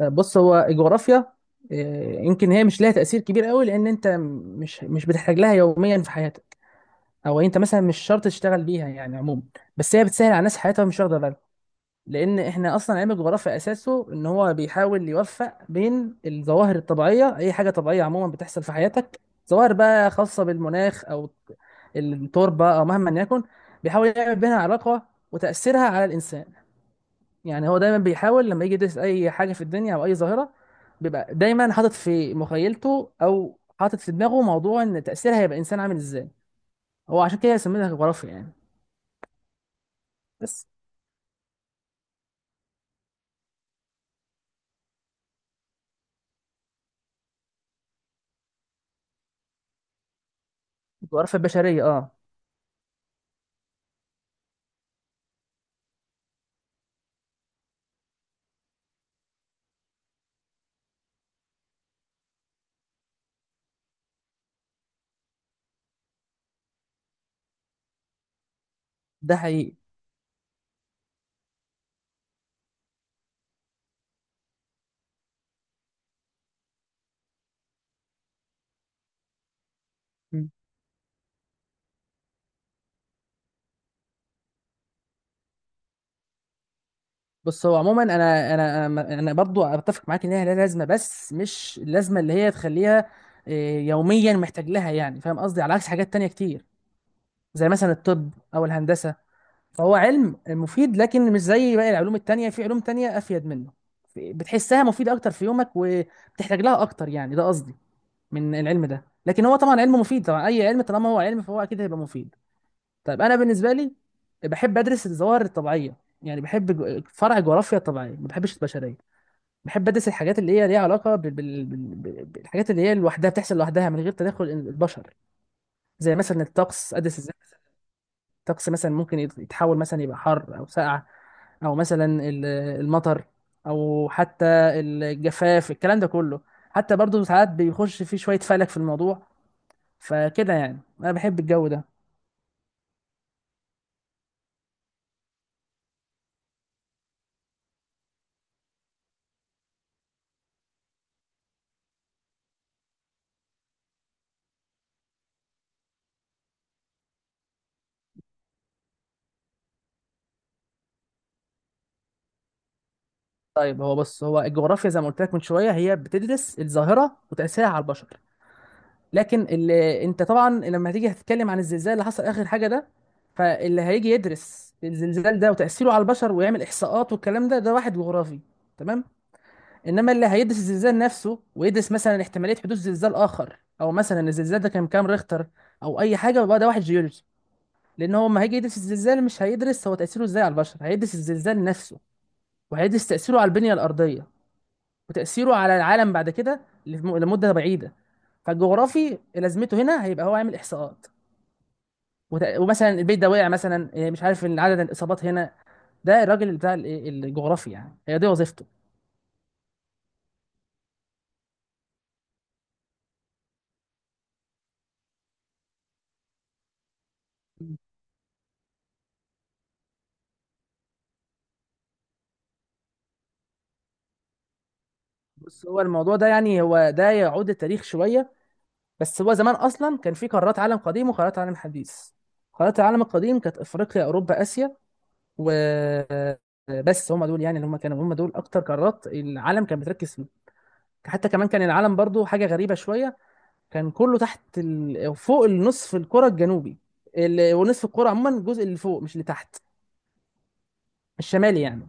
بص هو الجغرافيا يمكن هي مش لها تأثير كبير قوي لأن أنت مش بتحتاج لها يوميا في حياتك، أو أنت مثلا مش شرط تشتغل بيها يعني عموما. بس هي بتسهل على الناس حياتها مش واخدة بالها، لأن إحنا أصلا علم الجغرافيا أساسه إن هو بيحاول يوفق بين الظواهر الطبيعية، أي حاجة طبيعية عموما بتحصل في حياتك. ظواهر بقى خاصة بالمناخ أو التربة أو مهما يكن، بيحاول يعمل بينها علاقة وتأثيرها على الإنسان. يعني هو دايما بيحاول لما يجي يدرس اي حاجه في الدنيا او اي ظاهره، بيبقى دايما حاطط في مخيلته او حاطط في دماغه موضوع ان تاثيرها هيبقى انسان عامل ازاي. هو عشان كده سميتها جغرافيا يعني. بس الجغرافيا البشريه اه، ده حقيقي. مم. بص هو عموما انا انا انا أنا برضو اتفق معاك ان هي لها لازمه، بس مش اللازمه اللي هي تخليها آه، يوميا محتاج لها، يعني فاهم قصدي، على عكس حاجات تانية كتير زي مثلا الطب او الهندسه. فهو علم مفيد لكن مش زي باقي العلوم التانية، في علوم تانية أفيد منه، بتحسها مفيدة أكتر في يومك وبتحتاج لها أكتر، يعني ده قصدي من العلم ده. لكن هو طبعا علم مفيد طبعا، أي علم طالما هو علم فهو أكيد هيبقى مفيد. طيب أنا بالنسبة لي بحب أدرس الظواهر الطبيعية، يعني بحب فرع الجغرافيا الطبيعية، ما بحبش البشرية. بحب أدرس الحاجات اللي هي ليها علاقة بالحاجات اللي هي لوحدها بتحصل لوحدها من غير تدخل البشر. زي مثلا الطقس، أدرس الطقس مثلا ممكن يتحول مثلا يبقى حر او ساقع، او مثلا المطر او حتى الجفاف، الكلام ده كله. حتى برضو ساعات بيخش فيه شوية فلك في الموضوع. فكده يعني انا بحب الجو ده. طيب هو بص هو الجغرافيا زي ما قلت لك من شوية هي بتدرس الظاهرة وتأثيرها على البشر. لكن اللي انت طبعا لما هتيجي هتتكلم عن الزلزال اللي حصل اخر حاجة ده، فاللي هيجي يدرس الزلزال ده وتأثيره على البشر ويعمل إحصاءات والكلام ده، ده واحد جغرافي، تمام. انما اللي هيدرس الزلزال نفسه ويدرس مثلا احتماليه حدوث زلزال اخر، او مثلا الزلزال ده كان بكام ريختر او اي حاجه، يبقى ده واحد جيولوجي. لان هو لما هيجي يدرس الزلزال مش هيدرس هو تاثيره ازاي على البشر، هيدرس الزلزال نفسه وهيدرس تاثيره على البنيه الارضيه وتاثيره على العالم بعد كده لمده بعيده. فالجغرافي لازمته هنا هيبقى هو عامل احصاءات، ومثلا البيت ده وقع مثلا مش عارف، إن عدد الاصابات هنا، ده الراجل بتاع الجغرافي، يعني هي دي وظيفته. بص هو الموضوع ده يعني هو ده يعود التاريخ شويه، بس هو زمان اصلا كان في قارات عالم قديم وقارات عالم حديث. قارات العالم القديم كانت افريقيا، اوروبا، اسيا، و بس هم دول يعني اللي هم كانوا هم دول اكتر قارات العالم كان بتركز فيه. حتى كمان كان العالم برضو حاجه غريبه شويه، كان كله تحت فوق النصف الكره الجنوبي، ونصف الكره عموما الجزء اللي فوق مش اللي تحت، الشمالي يعني.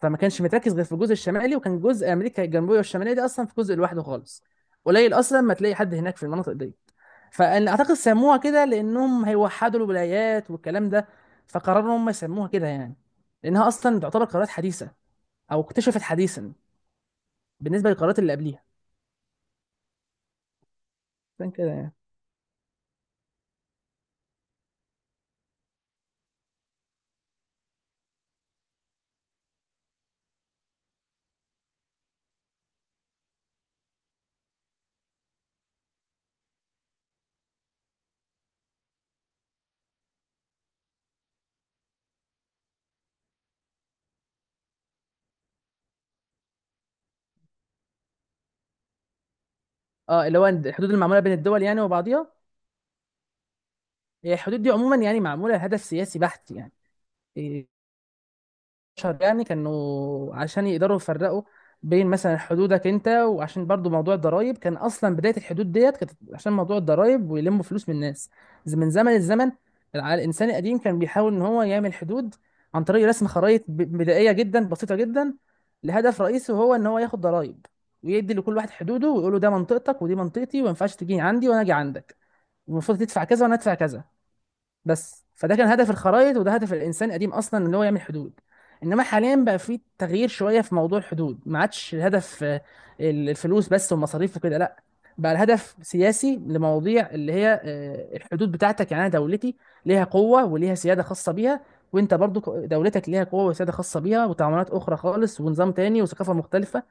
فما كانش متركز غير في الجزء الشمالي، وكان جزء امريكا الجنوبيه والشماليه دي اصلا في جزء لوحده خالص، قليل اصلا ما تلاقي حد هناك في المناطق دي. فانا اعتقد سموها كده لانهم هيوحدوا الولايات والكلام ده، فقرروا هم يسموها كده يعني، لانها اصلا تعتبر قرارات حديثه او اكتشفت حديثا بالنسبه للقرارات اللي قبليها. عشان كده يعني. اه اللي هو الحدود المعموله بين الدول يعني وبعضيها. هي الحدود دي عموما يعني معموله لهدف سياسي بحت يعني إيه، شهر يعني كانوا عشان يقدروا يفرقوا بين مثلا حدودك انت، وعشان برضو موضوع الضرايب، كان اصلا بدايه الحدود ديت كانت عشان موضوع الضرايب ويلموا فلوس من الناس. من زمن الزمن، الانسان القديم كان بيحاول ان هو يعمل حدود عن طريق رسم خرائط بدائيه جدا بسيطه جدا، لهدف رئيسي وهو ان هو ياخد ضرايب، ويدي لكل واحد حدوده ويقول له ده منطقتك ودي منطقتي، وما ينفعش تيجي عندي وانا اجي عندك، المفروض تدفع كذا وانا ادفع كذا. بس فده كان هدف الخرائط وده هدف الانسان القديم اصلا ان هو يعمل حدود. انما حاليا بقى في تغيير شويه في موضوع الحدود، ما عادش الهدف الفلوس بس والمصاريف وكده، لا، بقى الهدف سياسي لمواضيع اللي هي الحدود بتاعتك، يعني انا دولتي ليها قوه وليها سياده خاصه بيها، وانت برضو دولتك ليها قوه وسياده خاصه بيها، وتعاملات اخرى خالص ونظام تاني وثقافه مختلفه.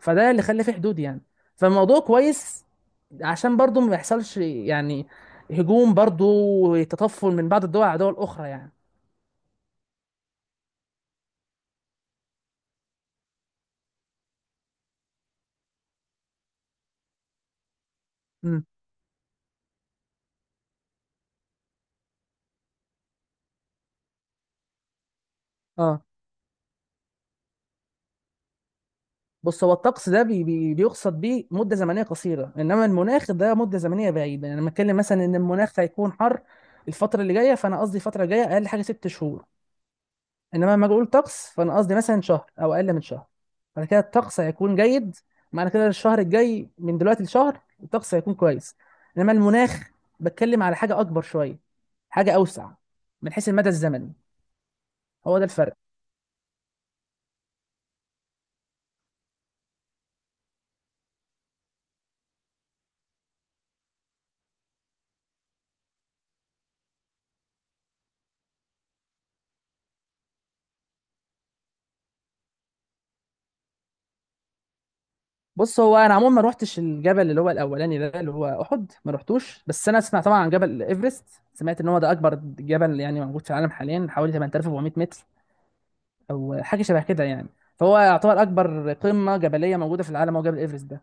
فده اللي خلى فيه حدود يعني. فالموضوع كويس عشان برضو ما يحصلش يعني هجوم، برضو تطفل من بعض الدول على دول اخرى يعني. امم. اه بص هو الطقس ده بي بي بيقصد بيه مده زمنيه قصيره، انما المناخ ده مده زمنيه بعيده. يعني لما اتكلم مثلا ان المناخ هيكون حر الفتره اللي جايه، فانا قصدي الفتره الجايه اقل حاجه ست شهور. انما لما اجي اقول طقس، فانا قصدي مثلا شهر او اقل من شهر. فانا كده الطقس هيكون جيد، معنى كده الشهر الجاي من دلوقتي لشهر الطقس هيكون كويس. انما المناخ بتكلم على حاجه اكبر شويه، حاجه اوسع من حيث المدى الزمني. هو ده الفرق. بص هو انا عموما ما روحتش الجبل اللي هو الاولاني ده اللي هو احد، ما روحتوش. بس انا اسمع طبعا عن جبل ايفرست، سمعت ان هو ده اكبر جبل يعني موجود في العالم حاليا، حوالي 8400 متر او حاجه شبه كده يعني. فهو يعتبر اكبر قمه جبليه موجوده في العالم هو جبل ايفرست ده.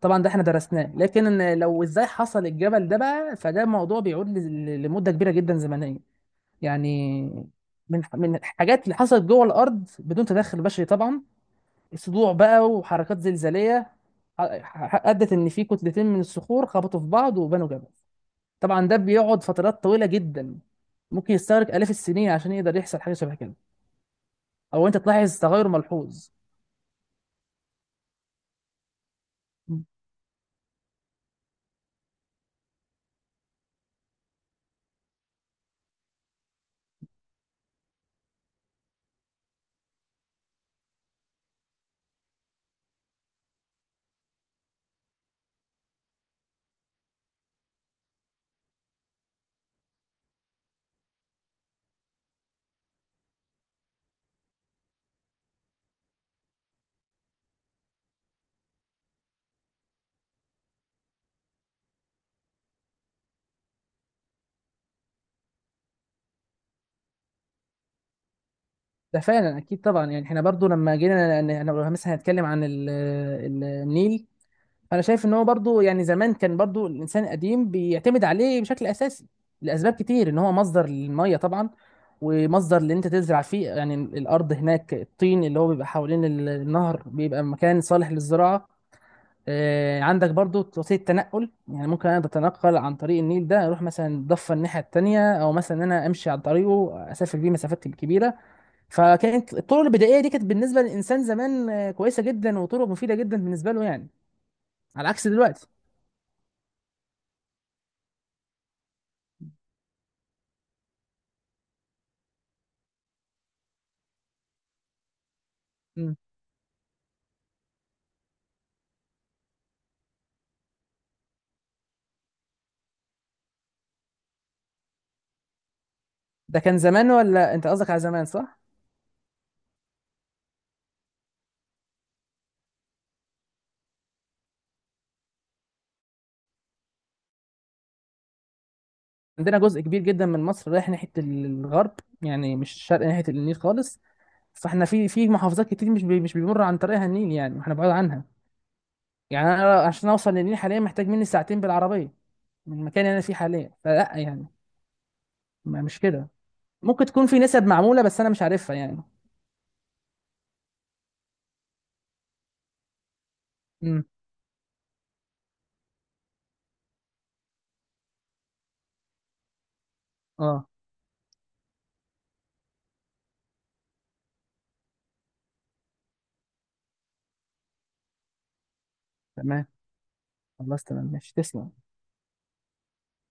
طبعا ده احنا درسناه، لكن إن لو ازاي حصل الجبل ده بقى، فده موضوع بيعود لمده كبيره جدا زمنيه يعني. من الحاجات اللي حصلت جوه الارض بدون تدخل بشري طبعا، صدوع بقى وحركات زلزاليه، ح- ادت ان في كتلتين من الصخور خبطوا في بعض وبنوا جبل. طبعا ده بيقعد فترات طويله جدا، ممكن يستغرق آلاف السنين عشان يقدر يحصل حاجة شبه كده أو أنت تلاحظ تغير ملحوظ. ده فعلا أكيد طبعا، يعني إحنا برضو لما جينا أنا مثلا هنتكلم عن النيل. انا شايف ان هو برضو يعني زمان كان برضو الانسان القديم بيعتمد عليه بشكل اساسي لاسباب كتير، ان هو مصدر للميه طبعا، ومصدر اللي انت تزرع فيه، يعني الارض هناك الطين اللي هو بيبقى حوالين النهر بيبقى مكان صالح للزراعه. عندك برضو وسيله تنقل، يعني ممكن انا اتنقل عن طريق النيل ده اروح مثلا ضفه الناحيه التانيه، او مثلا ان انا امشي عن طريقه اسافر بيه مسافات كبيره. فكانت الطرق البدائيه دي كانت بالنسبه للانسان زمان كويسه جدا وطرق مفيده جدا بالنسبه له يعني، على عكس دلوقتي. ده كان زمان ولا انت قصدك على زمان صح؟ عندنا جزء كبير جدا من مصر رايح ناحية الغرب يعني، مش الشرق ناحية النيل خالص. فاحنا في محافظات كتير مش بيمر عن طريقها النيل، يعني احنا بعاد عنها. يعني انا عشان اوصل للنيل حاليا محتاج مني ساعتين بالعربية من المكان اللي انا فيه حاليا، فلا يعني ما مش كده. ممكن تكون في نسب معمولة بس انا مش عارفها يعني. امم اه تمام. خلاص تمام ماشي، تسلم.